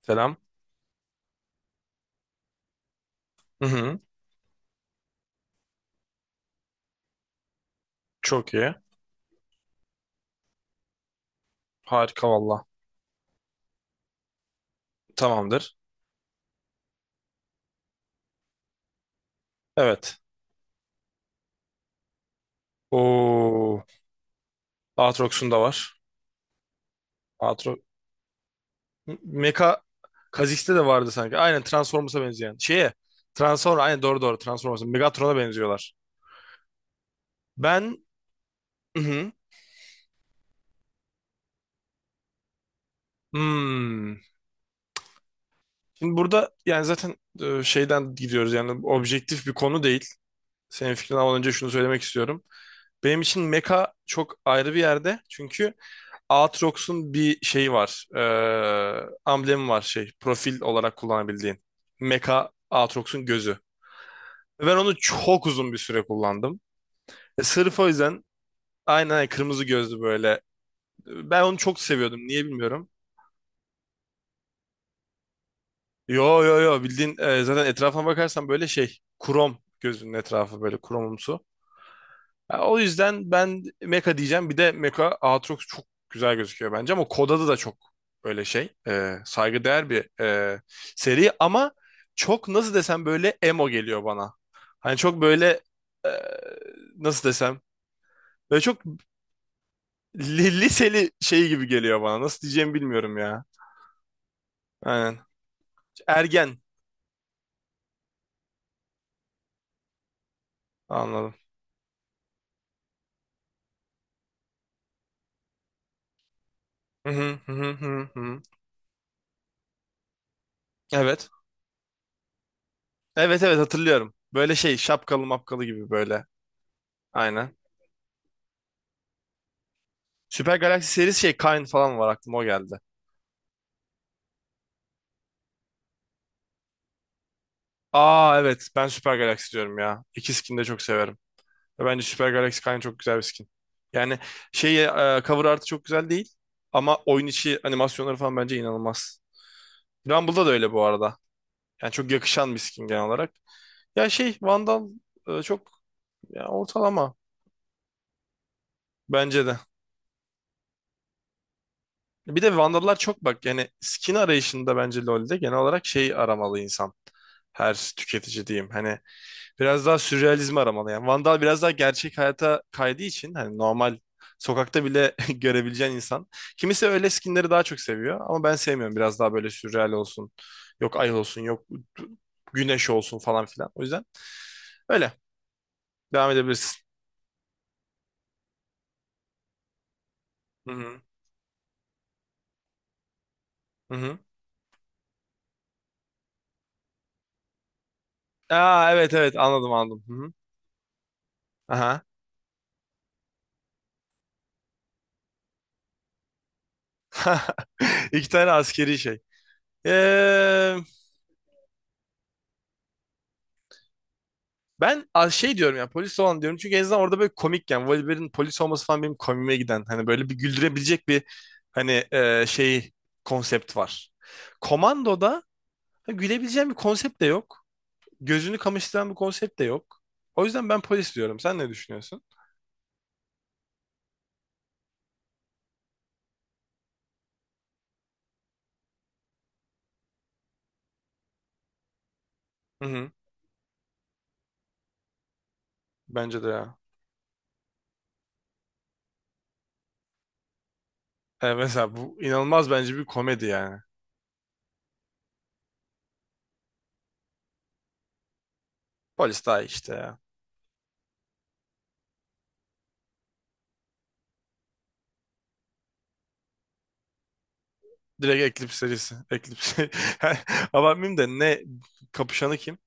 Selam. Hı hı. Çok iyi. Harika valla. Tamamdır. Evet. Oo. Aatrox'un da var. Aatrox. Mecha Kha'Zix'te de vardı sanki. Aynen Transformers'a benzeyen. Şeye. Transformers. Aynen doğru doğru Transformers'a. Megatron'a benziyorlar. Ben hı hı. Hmm. Şimdi burada yani zaten şeyden gidiyoruz, yani objektif bir konu değil. Senin fikrini almadan önce şunu söylemek istiyorum. Benim için Mecha çok ayrı bir yerde. Çünkü Aatrox'un bir şeyi var. Amblemi var şey. Profil olarak kullanabildiğin. Mecha Aatrox'un gözü. Ve ben onu çok uzun bir süre kullandım. Sırf o yüzden, aynen aynen, kırmızı gözlü böyle. Ben onu çok seviyordum. Niye bilmiyorum. Yo yo yo, bildiğin zaten etrafına bakarsan böyle şey. Krom, gözünün etrafı böyle kromumsu. Ha, o yüzden ben Mecha diyeceğim. Bir de Mecha Aatrox çok güzel gözüküyor bence, ama kod adı da çok böyle şey, saygıdeğer bir seri, ama çok nasıl desem böyle emo geliyor bana. Hani çok böyle e, nasıl desem böyle çok liseli şey gibi geliyor bana. Nasıl diyeceğimi bilmiyorum ya. Aynen. Ergen, anladım. Hı hı, hı hı, hı hı. Evet. Evet evet, hatırlıyorum. Böyle şey, şapkalı mapkalı gibi böyle. Aynen. Süper Galaxy serisi, şey Kain falan var, aklıma o geldi. Aa evet, ben Süper Galaxy diyorum ya. İki skin de çok severim. Ve bence Süper Galaxy Kayn çok güzel bir skin. Yani şey, cover art'ı çok güzel değil ama oyun içi animasyonları falan bence inanılmaz. Rumble'da da öyle bu arada. Yani çok yakışan bir skin genel olarak. Ya şey, Vandal çok ya, ortalama bence de. Bir de Vandal'lar çok, bak yani skin arayışında bence LoL'de genel olarak şey aramalı insan. Her tüketici diyeyim. Hani biraz daha sürrealizm aramalı yani. Vandal biraz daha gerçek hayata kaydığı için, hani normal sokakta bile görebileceğin insan. Kimisi öyle skinleri daha çok seviyor ama ben sevmiyorum. Biraz daha böyle sürreal olsun. Yok ay olsun, yok güneş olsun falan filan. O yüzden öyle, devam edebilirsin. Hı hı. Hı hı. Aa evet evet, anladım anladım. Hı hı. Aha. İki tane askeri şey. Ee, Ben az şey diyorum, yani polis olan diyorum, çünkü en azından orada böyle komik yani, Wolverine'in polis olması falan benim komiğime giden, hani böyle bir güldürebilecek bir, hani şey konsept var. Komando'da, ha, gülebileceğim bir konsept de yok. Gözünü kamaştıran bir konsept de yok. O yüzden ben polis diyorum. Sen ne düşünüyorsun? Hı hı. Bence de ya. Mesela bu inanılmaz bence bir komedi yani. Polis daha iyi işte ya. Direkt Eclipse serisi. Eclipse. Abartmayayım da, ne kapışanı kim?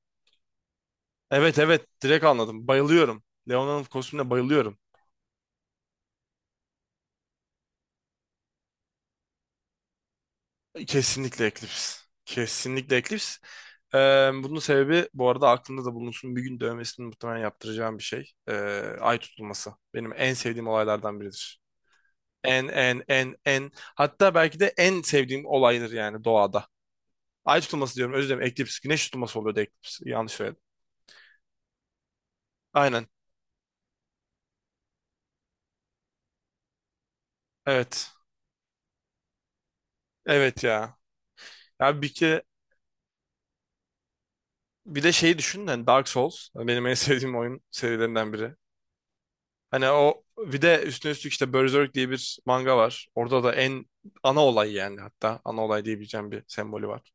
Evet evet, direkt anladım. Bayılıyorum. Leona'nın kostümüne bayılıyorum. Kesinlikle Eclipse. Kesinlikle Eclipse. Bunun sebebi bu arada aklımda da bulunsun. Bir gün dövmesini muhtemelen yaptıracağım bir şey. Ay tutulması. Benim en sevdiğim olaylardan biridir. En en en en. Hatta belki de en sevdiğim olaydır yani doğada. Ay tutulması diyorum, özür dilerim. Eclipse. Güneş tutulması oluyordu Eclipse. Yanlış söyledim. Aynen. Evet. Evet ya. Ya bir kere, bir de şeyi düşün, hani Dark Souls benim en sevdiğim oyun serilerinden biri. Hani o, bir de üstüne üstlük işte Berserk diye bir manga var. Orada da en ana olay, yani hatta ana olay diyebileceğim bir sembolü var.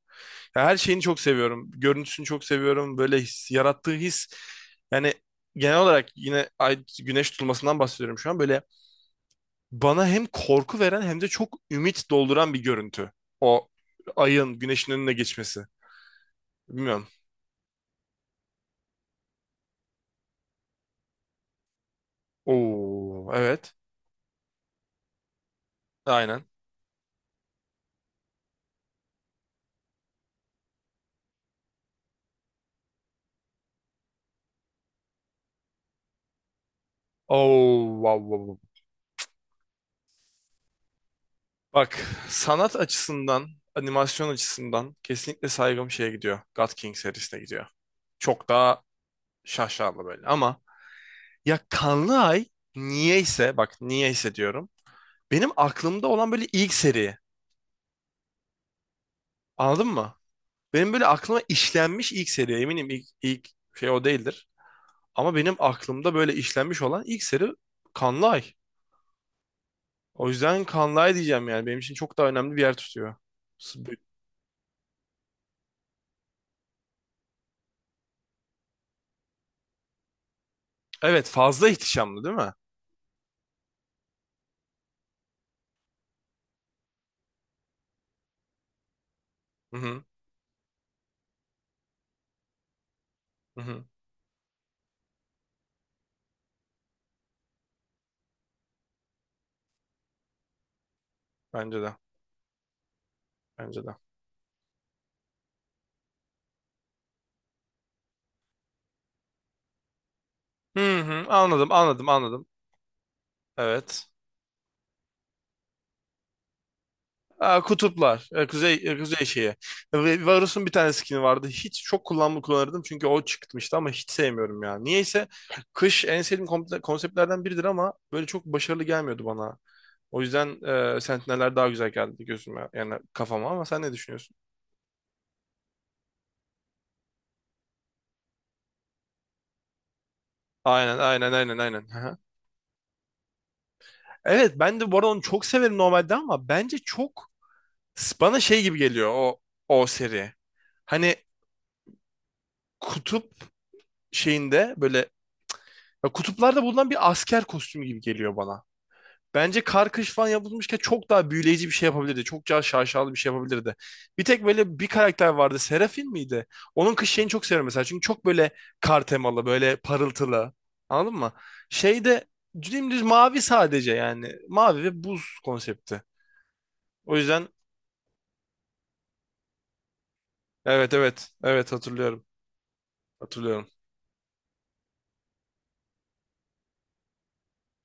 Ya her şeyini çok seviyorum. Görüntüsünü çok seviyorum. Böyle his, yarattığı his yani, genel olarak yine ay güneş tutulmasından bahsediyorum şu an. Böyle bana hem korku veren hem de çok ümit dolduran bir görüntü. O, ayın güneşin önüne geçmesi. Bilmiyorum. Oo, evet. Aynen. Oo, wow, wow, wow. Bak, sanat açısından, animasyon açısından kesinlikle saygım şeye gidiyor. God King serisine gidiyor. Çok daha şaşalı böyle, ama ya Kanlı Ay, niyeyse bak, niyeyse diyorum. Benim aklımda olan böyle ilk seri. Anladın mı? Benim böyle aklıma işlenmiş ilk seri. Eminim ilk şey o değildir. Ama benim aklımda böyle işlenmiş olan ilk seri Kanlı Ay. O yüzden Kanlay diyeceğim yani. Benim için çok daha önemli bir yer tutuyor. Evet, fazla ihtişamlı değil mi? Hı hı. Hı hı. Bence de. Bence de. Hı hı. Anladım anladım anladım. Evet. Aa, kutuplar. Kuzey şeyi. Varus'un bir tane skin'i vardı. Hiç, çok kullanımlı kullanırdım çünkü o çıkmıştı, ama hiç sevmiyorum ya. Niyeyse kış en sevdiğim konseptlerden biridir, ama böyle çok başarılı gelmiyordu bana. O yüzden Sentineller daha güzel geldi gözüme yani kafama, ama sen ne düşünüyorsun? Aynen aynen aynen aynen. Evet, ben de bu arada onu çok severim normalde, ama bence çok bana şey gibi geliyor o seri. Hani kutup şeyinde böyle, ya kutuplarda bulunan bir asker kostümü gibi geliyor bana. Bence kar kış falan yapılmışken çok daha büyüleyici bir şey yapabilirdi. Çok daha şaşalı bir şey yapabilirdi. Bir tek böyle bir karakter vardı. Serafin miydi? Onun kış şeyini çok seviyorum mesela. Çünkü çok böyle kar temalı, böyle parıltılı. Anladın mı? Şeyde dümdüz mavi sadece yani. Mavi ve buz konsepti. O yüzden. Evet evet. Evet, hatırlıyorum. Hatırlıyorum.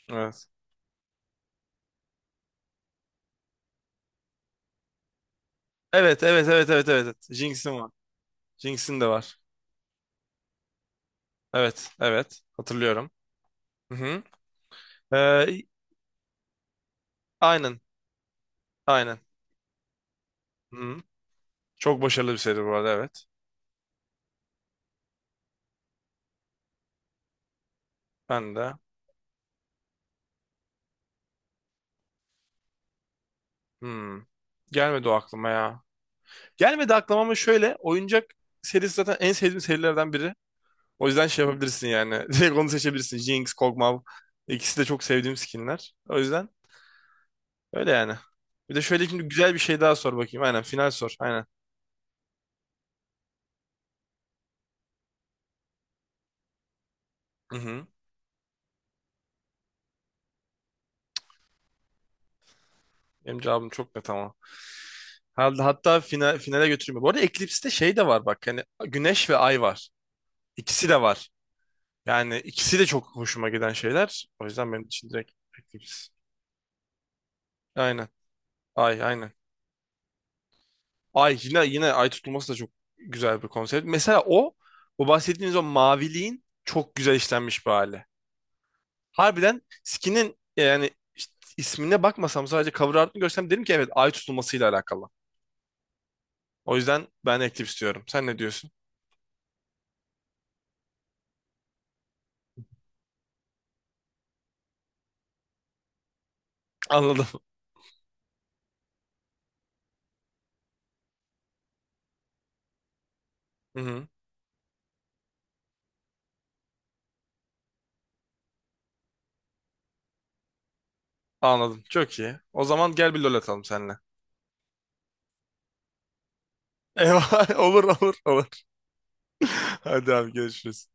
Evet. Evet evet evet evet evet. Evet. Jinx'in var. Jinx'in de var. Evet evet. Hatırlıyorum. Hı hı. Ee, aynen. Aynen. Hı hı. Çok başarılı bir seri bu arada, evet. Ben de. Hmm. Gelmedi o aklıma ya. Gelmedi aklıma, ama şöyle. Oyuncak serisi zaten en sevdiğim serilerden biri. O yüzden şey yapabilirsin yani. Direkt onu seçebilirsin. Jinx, Kog'Maw. İkisi de çok sevdiğim skinler. O yüzden öyle yani. Bir de şöyle, şimdi güzel bir şey daha sor bakayım. Aynen, final sor. Aynen. Hı hı. Benim cevabım çok net ama. Herhalde hatta final, finale götürüyor. Bu arada Eclipse'de şey de var bak. Yani güneş ve ay var. İkisi de var. Yani ikisi de çok hoşuma giden şeyler. O yüzden benim için direkt Eclipse. Aynen. Ay, aynen. Ay yine yine, ay tutulması da çok güzel bir konsept. Mesela o bahsettiğiniz o maviliğin çok güzel işlenmiş bir hali. Harbiden skinin yani, işte ismine bakmasam sadece cover art'ını görsem derim ki evet, ay tutulmasıyla alakalı. O yüzden ben Eclipse diyorum. Sen ne diyorsun? Anladım. Hı hı. Anladım. Çok iyi. O zaman gel bir LoL atalım seninle. Eyvah. Olur olur olur. Hadi abi, görüşürüz.